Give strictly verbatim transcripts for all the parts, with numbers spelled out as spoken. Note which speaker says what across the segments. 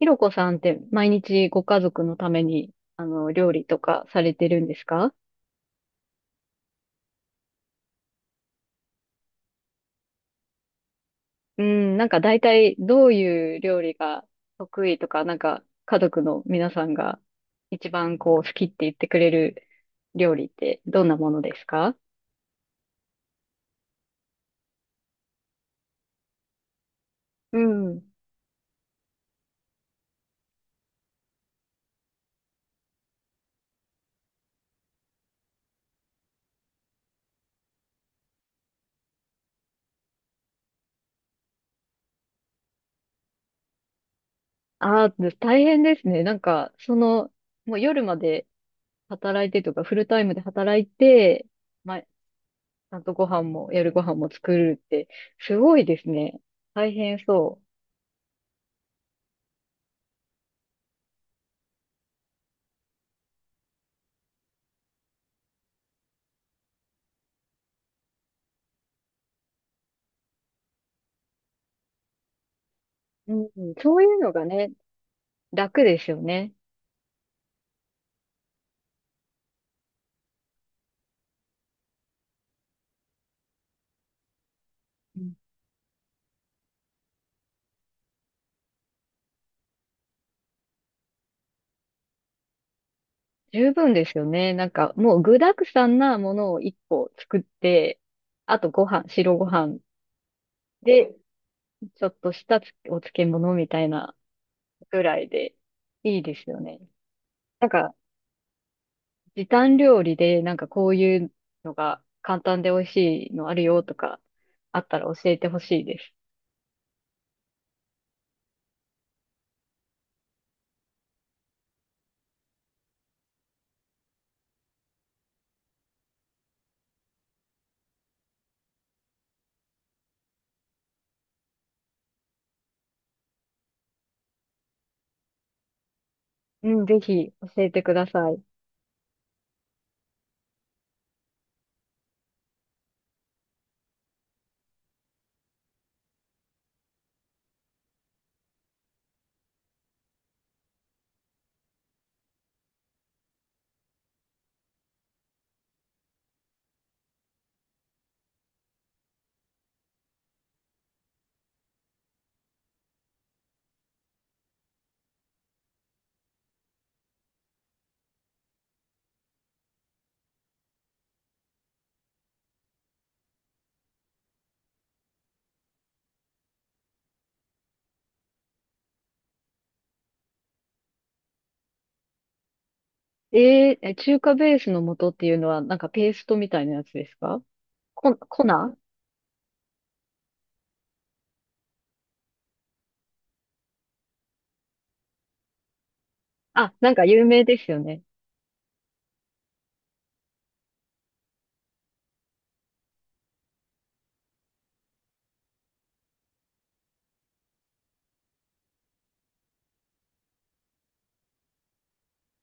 Speaker 1: ひろこさんって毎日ご家族のために、あの、料理とかされてるんですか？うん、なんか大体どういう料理が得意とか、なんか家族の皆さんが一番こう好きって言ってくれる料理ってどんなものですか？うん。ああ、大変ですね。なんか、その、もう夜まで働いてとか、フルタイムで働いて、ま、ちゃんとご飯も、夜ご飯も作るって、すごいですね。大変そう。うん、そういうのがね、楽ですよね。うん、十分ですよね。なんか、もう具沢山なものを一個作って、あとご飯、白ご飯で、ちょっとしたつお漬物みたいなぐらいで、いいですよね。なんか、時短料理で、なんかこういうのが簡単で美味しいのあるよとか、あったら教えてほしいです。うん、ぜひ教えてください。えー、え中華ベースの素っていうのは、なんかペーストみたいなやつですか？コ、コナー。あ、なんか有名ですよね。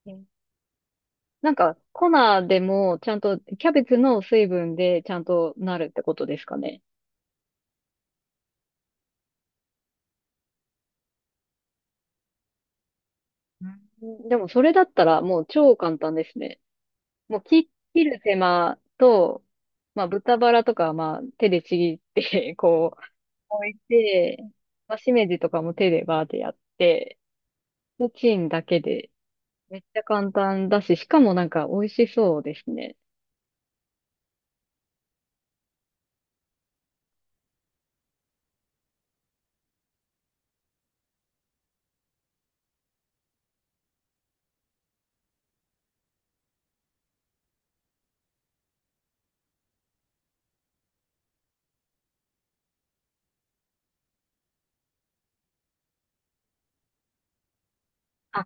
Speaker 1: うん。なんか、コナーでも、ちゃんと、キャベツの水分でちゃんとなるってことですかね。うん。でも、それだったら、もう超簡単ですね。もう切、切る手間と、まあ、豚バラとかは、まあ、手でちぎって こう、置いて、まあ、しめじとかも手でバーってやって、チンだけで、めっちゃ簡単だし、しかもなんか、美味しそうですね。あ、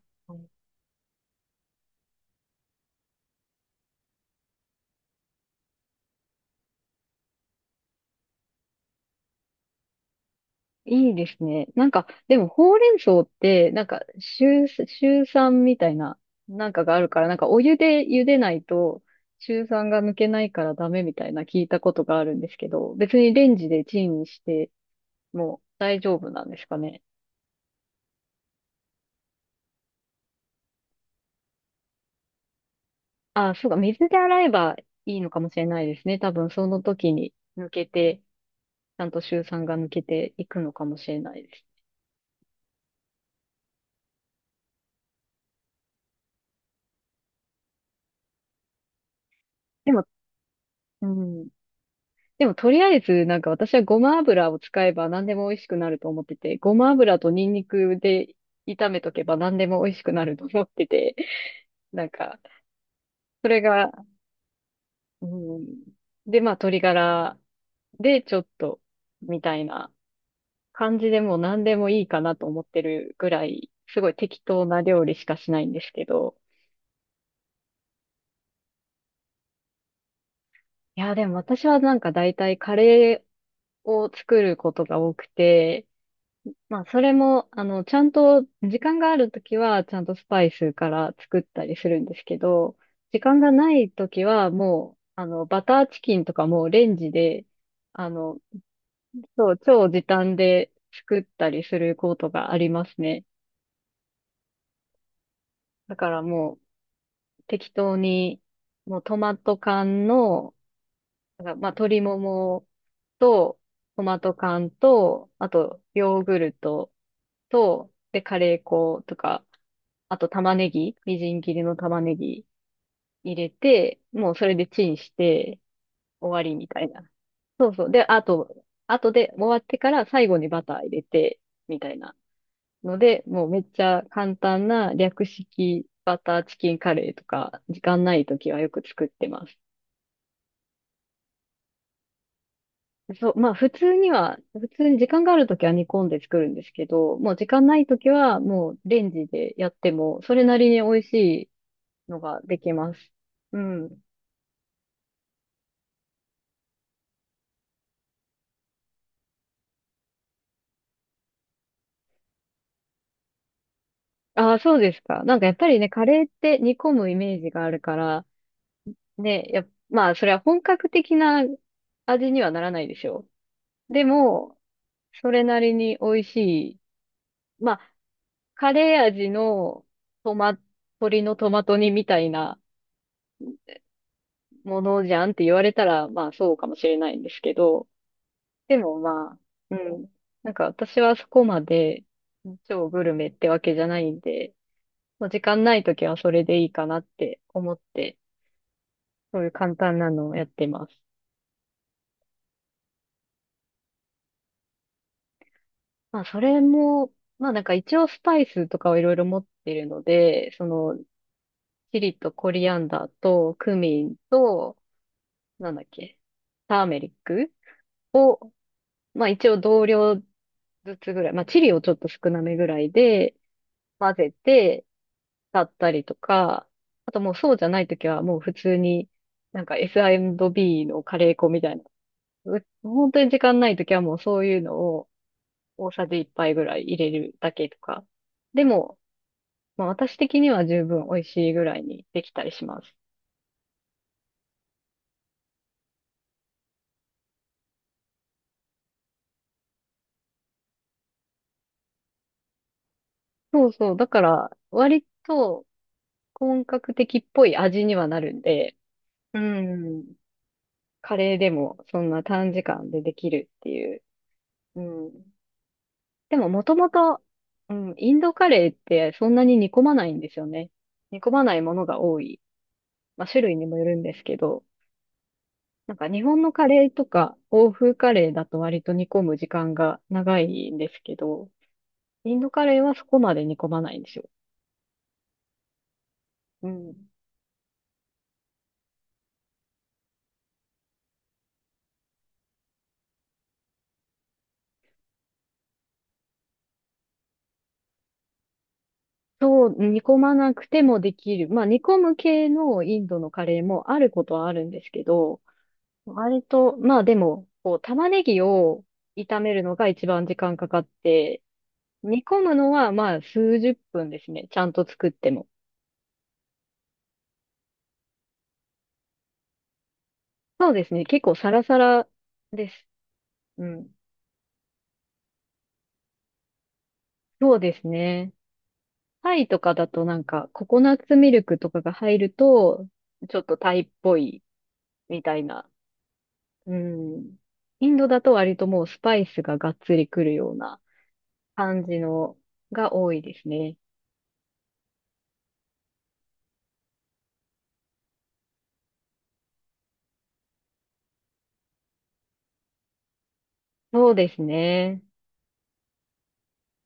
Speaker 1: いいですね。なんか、でも、ほうれん草って、なんか、シュ酸みたいな、なんかがあるから、なんか、お湯で茹でないと、シュ酸が抜けないからダメみたいな聞いたことがあるんですけど、別にレンジでチンして、もう大丈夫なんですかね。あ、そうか、水で洗えばいいのかもしれないですね。多分、その時に抜けて、ちゃんとシュ酸が抜けていくのかもしれないです。でも、うん。でもとりあえず、なんか私はごま油を使えば何でも美味しくなると思ってて、ごま油とニンニクで炒めとけば何でも美味しくなると思ってて、なんか、それが、うん、で、まあ鶏ガラでちょっと、みたいな感じでもう何でもいいかなと思ってるぐらい、すごい適当な料理しかしないんですけど、いや、でも私はなんか大体カレーを作ることが多くて、まあ、それも、あの、ちゃんと、時間があるときは、ちゃんとスパイスから作ったりするんですけど、時間がないときは、もう、あの、バターチキンとかもうレンジで、あの、そう、超時短で作ったりすることがありますね。だからもう、適当に、もうトマト缶の、なんかまあ、鶏ももと、トマト缶と、あと、ヨーグルトと、で、カレー粉とか、あと玉ねぎ、みじん切りの玉ねぎ入れて、もうそれでチンして終わりみたいな。そうそう。で、あと、あとで終わってから最後にバター入れて、みたいな。ので、もうめっちゃ簡単な略式バターチキンカレーとか、時間ないときはよく作ってます。そう、まあ普通には、普通に時間があるときは煮込んで作るんですけど、もう時間ないときはもうレンジでやっても、それなりに美味しいのができます。うん。ああ、そうですか。なんかやっぱりね、カレーって煮込むイメージがあるから、ね、やっ、まあ、それは本格的な味にはならないでしょう。でも、それなりに美味しい。まあ、カレー味のトマ、鶏のトマト煮みたいなものじゃんって言われたら、まあ、そうかもしれないんですけど、でもまあ、うん。なんか私はそこまで超グルメってわけじゃないんで、もう時間ないときはそれでいいかなって思ってそういう簡単なのをやってます。まあ、それも、まあなんか一応スパイスとかをいろいろ持ってるので、その、チリとコリアンダーとクミンと、なんだっけ、ターメリックを、まあ一応同量ずつぐらい、まあチリをちょっと少なめぐらいで混ぜて、だったりとか、あともうそうじゃないときはもう普通に、なんか エスアンドビー のカレー粉みたいな、う本当に時間ないときはもうそういうのを、大さじいっぱいぐらい入れるだけとか。でも、まあ私的には十分美味しいぐらいにできたりします。そうそう。だから、割と本格的っぽい味にはなるんで、うん。カレーでもそんな短時間でできるっていう。うん。でももともと、うん、インドカレーってそんなに煮込まないんですよね。煮込まないものが多い。まあ種類にもよるんですけど。なんか日本のカレーとか欧風カレーだと割と煮込む時間が長いんですけど、インドカレーはそこまで煮込まないんですよ。うん。そう、煮込まなくてもできる。まあ煮込む系のインドのカレーもあることはあるんですけど、割と、まあでも、こう玉ねぎを炒めるのが一番時間かかって、煮込むのはまあすうじゅっぷんですね。ちゃんと作っても。そうですね。結構サラサラです。うん。そうですね。タイとかだとなんか、ココナッツミルクとかが入ると、ちょっとタイっぽいみたいな。うん。インドだと割ともうスパイスががっつりくるような感じのが多いですね。そうですね。